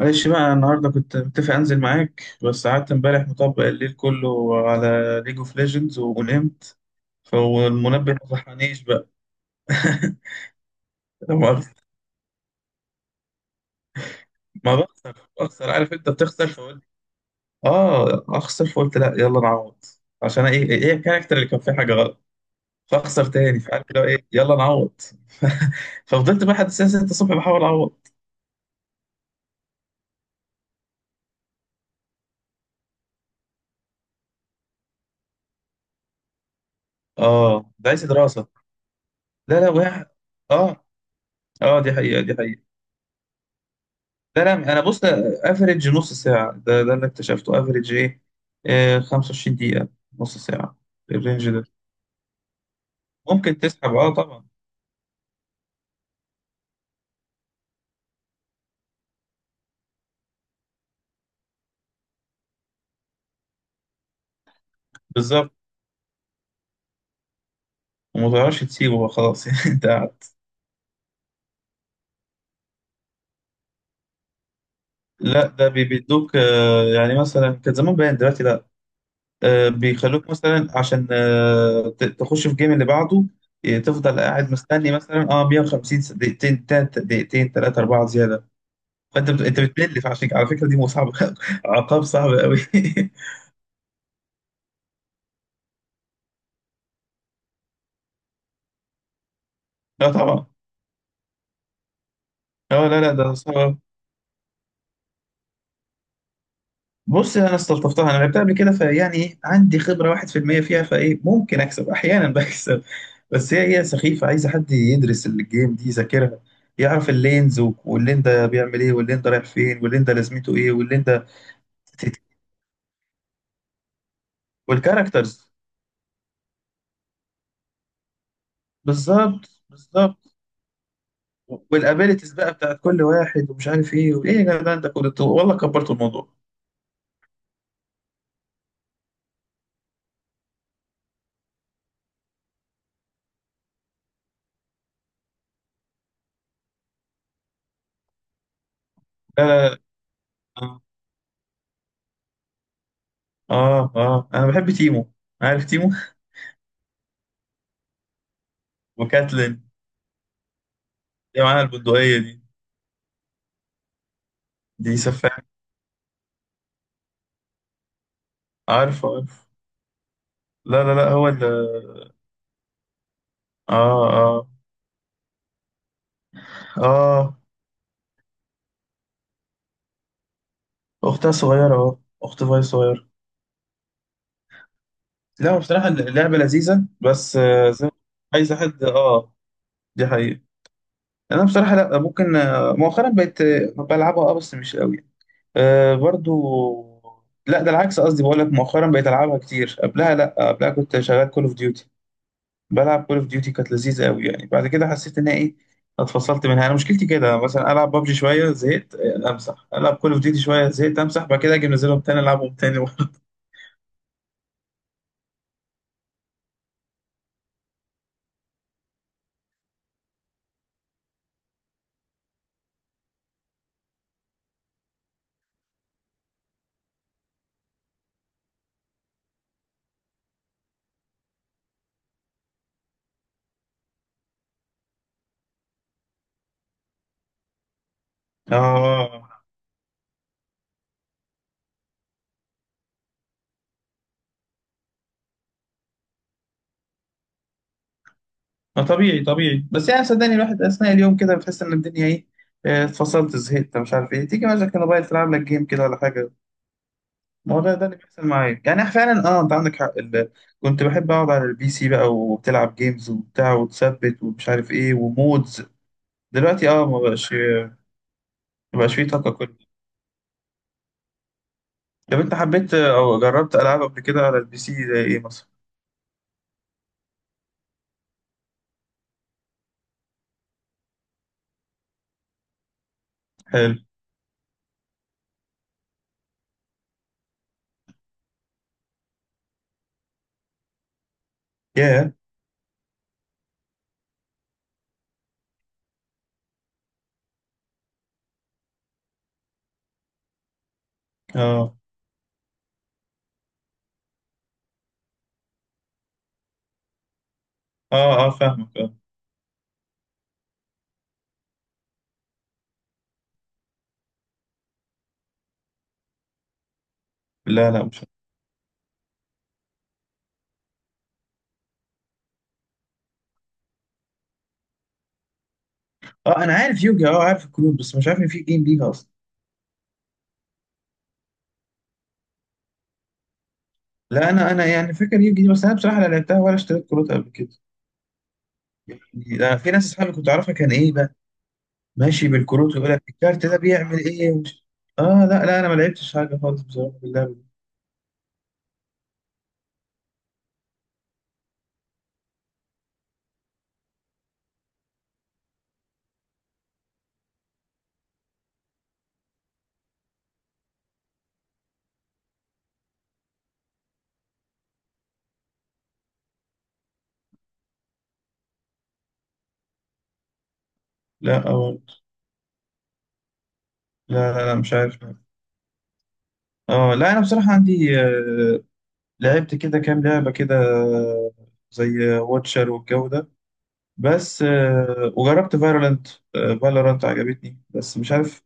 معلش بقى النهارده كنت متفق انزل معاك، بس قعدت امبارح مطبق الليل كله على ليج اوف ليجندز ونمت، فالمنبه ما صحانيش بقى. لا مؤاخذة. ما بخسر بخسر، عارف انت بتخسر، فقلت اه اخسر، فقلت لا، يلا نعوض. عشان ايه ايه إيه الكاركتر اللي كان فيه حاجه غلط، فاخسر تاني، فعارف اللي هو ايه، يلا نعوض. ففضلت بقى لحد الساعه 6 الصبح بحاول اعوض. اه ده عايز دراسه. لا لا، وقع. اه، اه دي حقيقه دي حقيقه. لا لا، انا بص، افريج نص ساعه، ده اللي اكتشفته، افريج ايه؟ آه، 25 دقيقه، نص ساعه الرينج ده. ممكن تسحب، طبعا. بالظبط. وما تعرفش تسيبه بقى، خلاص. يعني انت قاعد. لا، ده بيدوك. يعني مثلا كان زمان باين، دلوقتي لا. آه، بيخلوك مثلا عشان تخش في الجيم اللي بعده. آه، تفضل قاعد مستني مثلا 150 دقيقتين، تلات دقيقتين، ثلاثه اربعه زياده. فانت انت بتمل، على فكره دي مصعبه. عقاب صعب قوي. لا طبعا. اه لا لا، ده صعب. بص، انا استلطفتها، انا لعبتها قبل كده، فيعني ايه، عندي خبره 1% فيها، فايه ممكن اكسب احيانا. بكسب. بس هي سخيفه، عايزه حد يدرس الجيم دي، يذاكرها، يعرف اللينز واللين ده بيعمل ايه، واللين ده رايح فين، واللين ده لازمته ايه، واللين ده. والكاركترز. بالظبط بالظبط. والابيلتيز بقى بتاعت كل واحد، ومش عارف ايه وايه، يا جدعان ده كله، والله كبرت الموضوع. لا لا لا. اه اه، آه. انا بحب تيمو، عارف تيمو؟ وكاتلين، اللي معاها البندقيه دي. دي سفاح. عارفه عارفه. لا لا لا، هو اللي اه اه اه اختها صغيرة اهو، اخت فاي صغيرة. لا، بصراحة اللعبة لذيذة، بس زي، عايزة حد اه دي حقيقة. انا بصراحة لا ممكن، مؤخرا بقيت، بلعبها، بس مش قوي. آه، برضو. لا، ده العكس، قصدي بقول لك مؤخرا بقيت العبها كتير، قبلها لا، قبلها كنت شغال كول اوف ديوتي. بلعب كول اوف ديوتي، كانت لذيذه قوي، يعني بعد كده حسيت ان ايه، اتفصلت منها. انا مشكلتي كده، مثلا العب بابجي شويه، زهقت، امسح، العب كول اوف ديوتي شويه، زهقت، امسح، بعد كده اجي منزلهم تاني العبهم تاني. اه، ما طبيعي طبيعي، بس يعني صدقني، الواحد اثناء اليوم كده بتحس ان الدنيا ايه، اتفصلت، زهقت، مش عارف ايه، تيجي مثلا الموبايل تلعب لك جيم كده ولا حاجه. ما هو ده اللي بيحصل معايا، يعني فعلا انت عندك حق. كنت بحب اقعد على البي سي بقى، وبتلعب جيمز وبتاع، وتثبت ومش عارف ايه، ومودز. دلوقتي ما بقاش، مبقاش فيه طاقة كل. طب أنت حبيت أو جربت ألعاب قبل كده على البي سي زي إيه مثلا؟ حلو. ياه. أه أه أه، فاهمك. لا لا، مش فاهم. أنا عارف يوجي، عارف الكروت، بس مش عارف إن في جيم ليها أصلا. لا، أنا يعني فاكر يوجي دي، بس أنا بصراحة لا لعبتها ولا اشتريت كروت قبل كده. لا، في ناس أصحابي كنت أعرفها، كان إيه بقى، ماشي بالكروت، ويقول لك الكارت ده بيعمل إيه ومش... أه لا لا، أنا ما لعبتش حاجة خالص بصراحة باللعبة دي. لا أه. لا لا لا، مش عارف لا. لا، أنا بصراحة عندي. لعبت كده كام لعبة كده، زي واتشر والجو ده، بس وجربت فالورانت. فالورانت عجبتني بس مش عارف.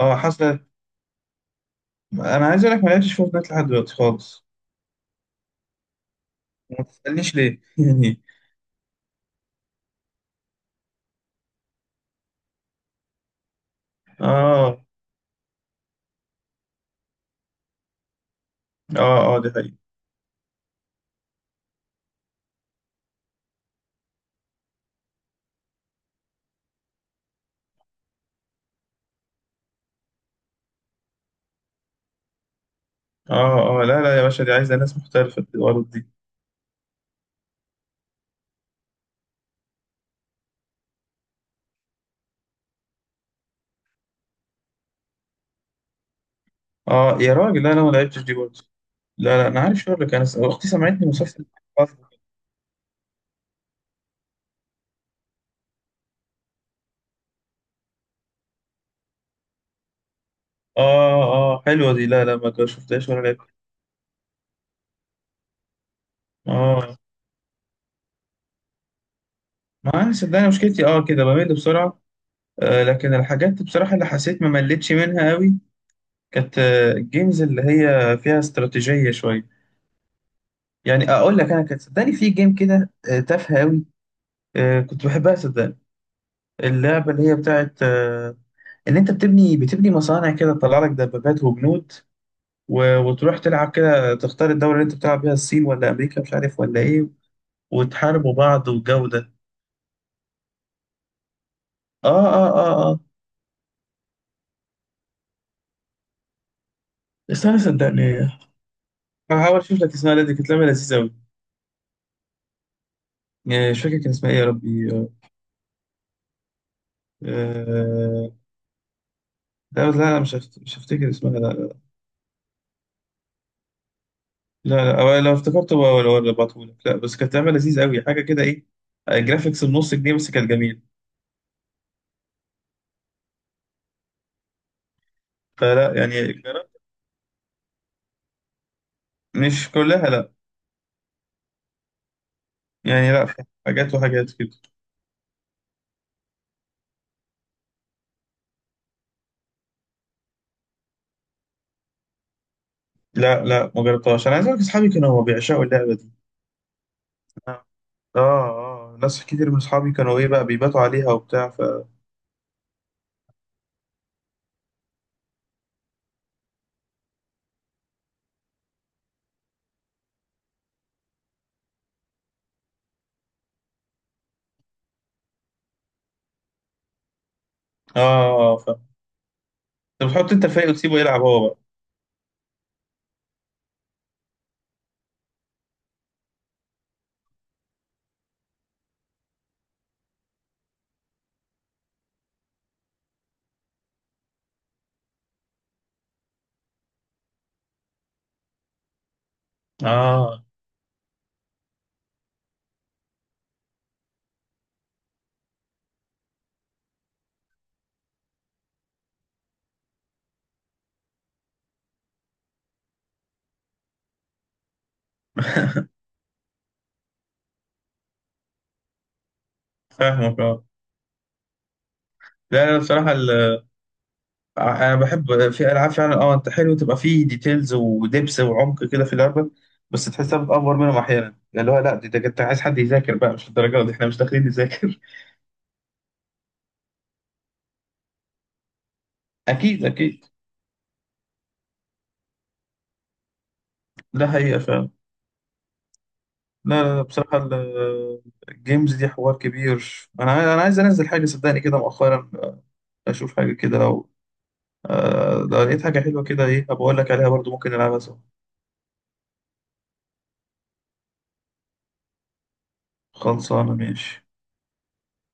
اه، حاسة. انا عايز اقول لك ما لعبتش فورتنايت لحد دلوقتي خالص، وما تسألنيش ليه. يعني اه اه اه، دي حقيقة. اه اه، لا لا يا باشا، دي عايزة ناس محترفة في الورد دي. اه يا راجل، لا انا ما لعبتش دي برضه. لا لا، انا عارف شغلك، انا اختي سمعتني مسلسل. اه اه، حلوة دي، لا لا ما شفتهاش ولا لعبت. اه ما انا صدقني مشكلتي كده بمل بسرعة. آه، لكن الحاجات بصراحة اللي حسيت ما مليتش منها قوي، كانت الجيمز اللي هي فيها استراتيجية شوية. يعني أقول لك أنا، كانت صدقني في جيم كده تافهة قوي، كنت بحبها صدقني. اللعبة اللي هي بتاعت إن أنت بتبني مصانع كده، تطلع لك دبابات وبنود، وتروح تلعب كده، تختار الدولة اللي أنت بتلعب بيها، الصين ولا أمريكا مش عارف ولا إيه، وتحاربوا بعض والجو ده. آه آه آه آه. استنى صدقني، هحاول أشوف لك اسمها، دي كانت لعبة لذيذة قوي. آه، مش فاكر كان اسمها إيه يا ربي. آه، لا لا لا، مش هفتكر اسمها لا. لا لا، أو لو افتكرته ولا ببعتهولك، لا بس كانت لعبة لذيذة قوي، حاجة كده ايه، آه، جرافيكس بنص جنيه، بس كانت جميل. فلا يعني جرب- مش كلها لا، يعني لا في حاجات وحاجات كده. لا لا، ما جربتهاش، انا عايز اقول لك اصحابي كانوا بيعشقوا اللعبة دي. اه اه، ناس كتير من اصحابي كانوا ايه بقى بيباتوا عليها وبتاع ف اه آه، ف طب بتحط انت الفايق وتسيبه يلعب هو بقى. اه. فاهمك اه لا لا بصراحة، انا بحب في العاب فعلا، انت حلو تبقى فيه ديتيلز ودبس وعمق كده في اللعبه، بس تحسها بتأفور منهم احيانا، يعني اللي هو لا، دي ده انت عايز حد يذاكر بقى، مش الدرجه دي، احنا مش داخلين نذاكر. اكيد اكيد. ده حقيقه فعلا. لا لا لا، بصراحه الجيمز دي حوار كبير، انا عايز انزل حاجه صدقني كده مؤخرا، اشوف حاجه كده. لو لو لقيت حاجه حلوه كده ايه، بقول لك عليها برضو ممكن نلعبها سوا. خلصانه ماشي.